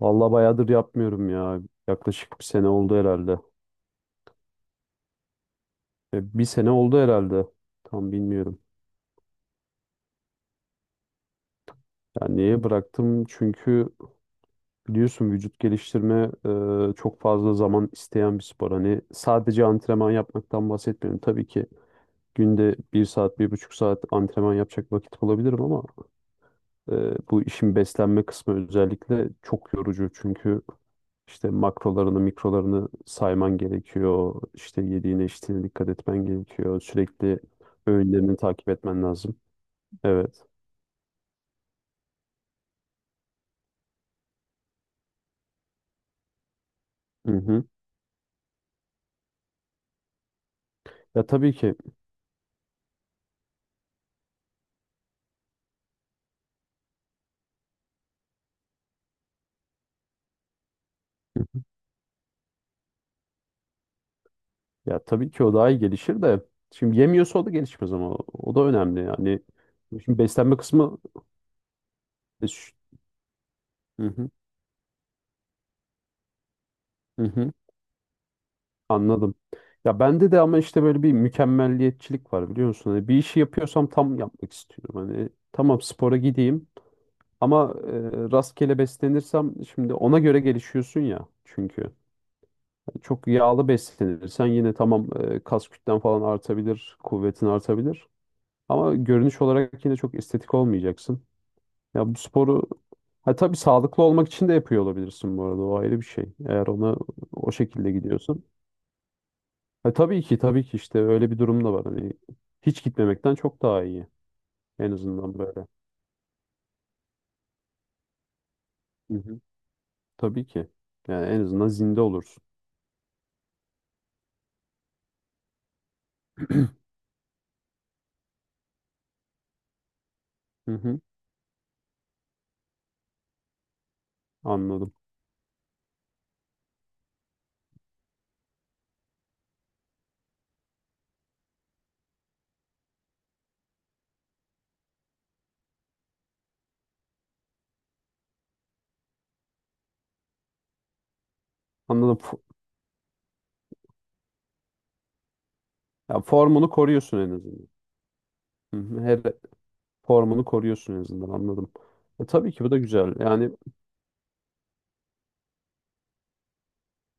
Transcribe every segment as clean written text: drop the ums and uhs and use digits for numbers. Vallahi bayağıdır yapmıyorum ya. Yaklaşık bir sene oldu herhalde. Bir sene oldu herhalde. Tam bilmiyorum. Yani niye bıraktım? Çünkü biliyorsun vücut geliştirme çok fazla zaman isteyen bir spor. Hani sadece antrenman yapmaktan bahsetmiyorum. Tabii ki günde bir saat, bir buçuk saat antrenman yapacak vakit bulabilirim ama Ee, bu işin beslenme kısmı özellikle çok yorucu çünkü işte makrolarını, mikrolarını sayman gerekiyor. İşte yediğine, içtiğine dikkat etmen gerekiyor. Sürekli öğünlerini takip etmen lazım. Evet. Hı hı. Ya tabii ki ya tabii ki o daha iyi gelişir de şimdi yemiyorsa o da gelişmez ama o da önemli yani. Şimdi beslenme kısmı e, şu- hı hı, hı hı. Anladım. Ya bende de ama işte böyle bir mükemmelliyetçilik var biliyor musun? Hani bir işi yapıyorsam tam yapmak istiyorum. Hani tamam spora gideyim ama rastgele beslenirsem şimdi ona göre gelişiyorsun ya çünkü. Hani, çok yağlı beslenirsen yine tamam kas kütlen falan artabilir, kuvvetin artabilir. Ama görünüş olarak yine çok estetik olmayacaksın. Ya bu sporu ha, tabii sağlıklı olmak için de yapıyor olabilirsin bu arada o ayrı bir şey. Eğer ona o şekilde gidiyorsun. Ha, tabii ki tabii ki işte öyle bir durum da var. Hani hiç gitmemekten çok daha iyi. En azından böyle. Hı hı. Tabii ki. Yani en azından zinde olursun. Hı hı. Anladım. Anladım. Fo- Ya formunu koruyorsun en azından. Hı hı. Formunu koruyorsun en azından, anladım. Tabii ki bu da güzel. Yani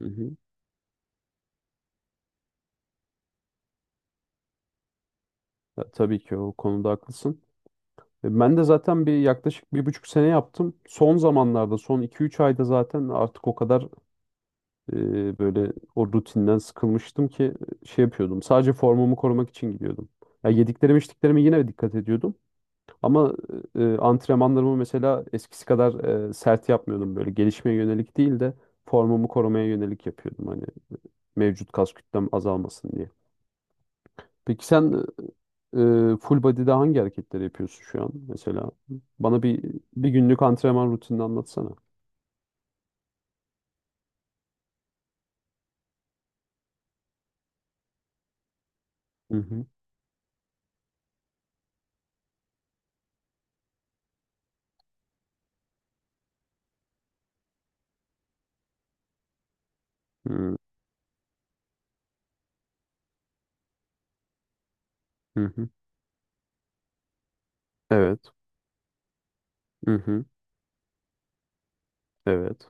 hı hı. Ya, tabii ki o konuda haklısın. Ben de zaten yaklaşık bir buçuk sene yaptım. Son zamanlarda son iki üç ayda zaten artık o kadar böyle o rutinden sıkılmıştım ki şey yapıyordum. Sadece formumu korumak için gidiyordum. Ya yediklerime içtiklerime yine dikkat ediyordum. Ama antrenmanlarımı mesela eskisi kadar sert yapmıyordum. Böyle gelişmeye yönelik değil de formumu korumaya yönelik yapıyordum. Hani mevcut kas kütlem azalmasın diye. Peki sen full body'de hangi hareketleri yapıyorsun şu an mesela? Bana bir günlük antrenman rutinini anlatsana. Hı hı. Hı hı. Hı. Evet. Hı hı. Evet.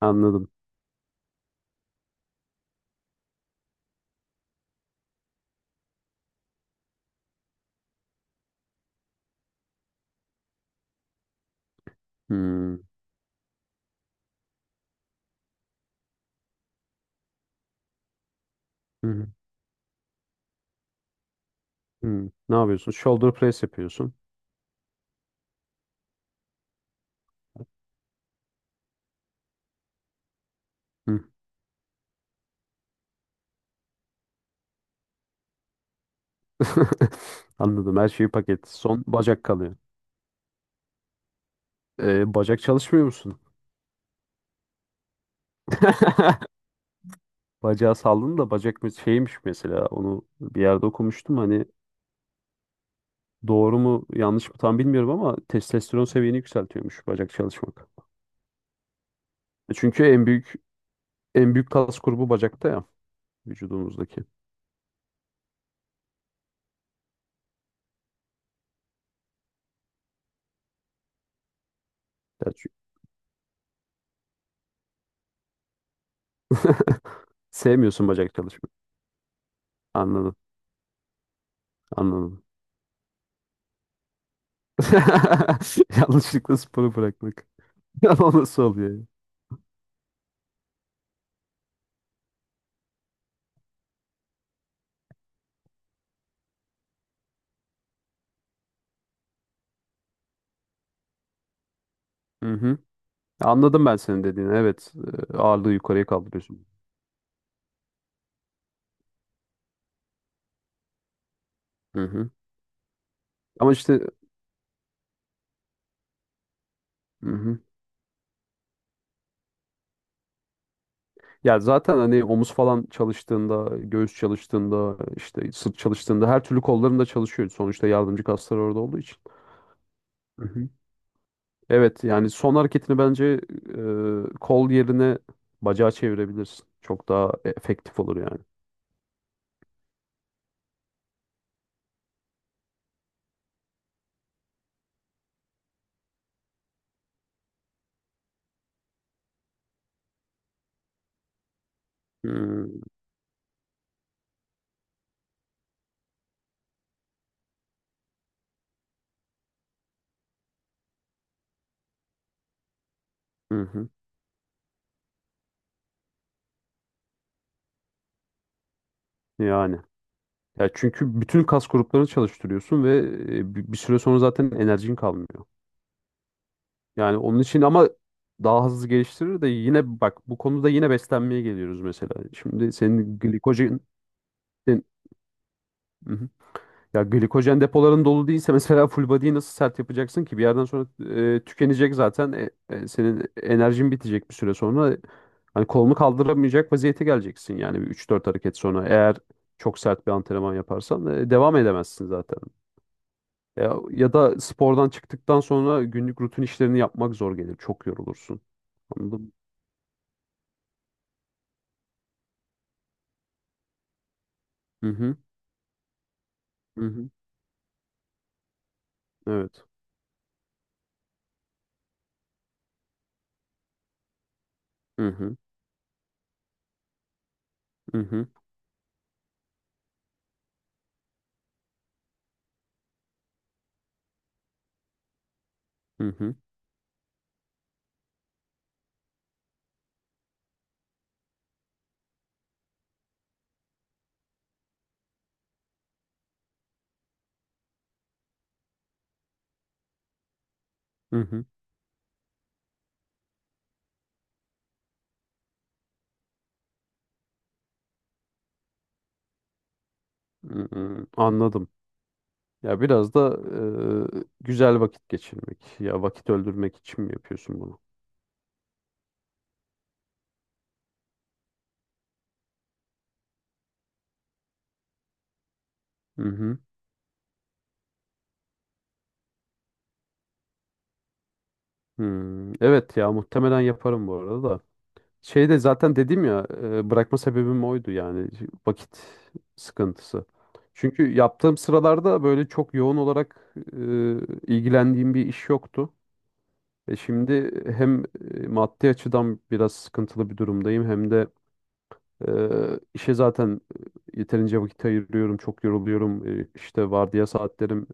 Anladım. Hmm. Hı hı. Hı. Ne yapıyorsun? Shoulder press yapıyorsun. Hı. Anladım. Her şeyi paket. Son bacak kalıyor. Bacak çalışmıyor musun? Bacağı saldım da bacak mı- Şeymiş mesela. Onu bir yerde okumuştum. Hani doğru mu yanlış mı tam bilmiyorum ama testosteron seviyeni yükseltiyormuş bacak çalışmak. Çünkü en büyük kas grubu bacakta ya, vücudumuzdaki. Ya çünkü- Sevmiyorsun bacak çalışmayı. Anladım. Anladım. Yanlışlıkla sporu bırakmak. O nasıl oluyor? Ya? Hı hı. Anladım ben senin dediğini. Evet, ağırlığı yukarıya kaldırıyorsun. Hı hı. Ama işte hı hı. Ya zaten hani omuz falan çalıştığında, göğüs çalıştığında, işte sırt çalıştığında her türlü kolların da çalışıyor. Sonuçta yardımcı kaslar orada olduğu için. Hı hı. Evet yani son hareketini bence kol yerine bacağı çevirebilirsin. Çok daha efektif olur yani. Hmm. Hı hı. Yani. Ya çünkü bütün kas gruplarını çalıştırıyorsun ve bir süre sonra zaten enerjin kalmıyor. Yani onun için ama daha hızlı geliştirir de yine bak bu konuda yine beslenmeye geliyoruz mesela. Şimdi senin glikojen sen- hı hı. Ya glikojen depoların dolu değilse mesela full body'yi nasıl sert yapacaksın ki? Bir yerden sonra tükenecek zaten. Senin enerjin bitecek bir süre sonra. Hani kolunu kaldıramayacak vaziyete geleceksin yani bir 3-4 hareket sonra. Eğer çok sert bir antrenman yaparsan devam edemezsin zaten. Ya, ya da spordan çıktıktan sonra günlük rutin işlerini yapmak zor gelir. Çok yorulursun. Anladın mı? Hı hı. Hı hı. Evet. Hı hı. Hı hı. Hı hı. Hı hı. Hı hı. Anladım. Ya biraz da güzel vakit geçirmek. Ya vakit öldürmek için mi yapıyorsun bunu? Hı hı. Hmm. Evet ya muhtemelen yaparım bu arada da. Şeyde zaten dedim ya bırakma sebebim oydu yani vakit sıkıntısı. Çünkü yaptığım sıralarda böyle çok yoğun olarak ilgilendiğim bir iş yoktu. E şimdi hem maddi açıdan biraz sıkıntılı bir durumdayım hem de işe zaten yeterince vakit ayırıyorum, çok yoruluyorum. İşte vardiya saatlerim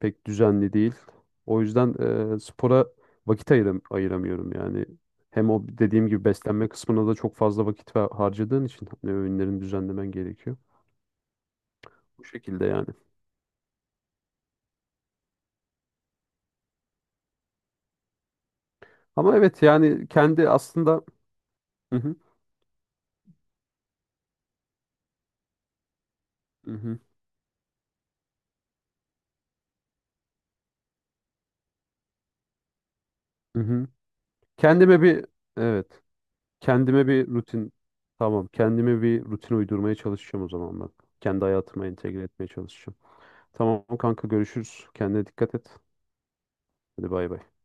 pek düzenli değil. O yüzden spora vakit ayıramıyorum yani. Hem o dediğim gibi beslenme kısmına da çok fazla vakit harcadığın için hani öğünlerini düzenlemen gerekiyor. Bu şekilde yani. Ama evet yani kendi aslında hı hı, hı hı, hı hı. Kendime bir evet kendime bir rutin tamam Kendime bir rutin uydurmaya çalışacağım o zaman ben. Kendi hayatıma entegre etmeye çalışacağım. Tamam kanka görüşürüz. Kendine dikkat et. Hadi bay bay.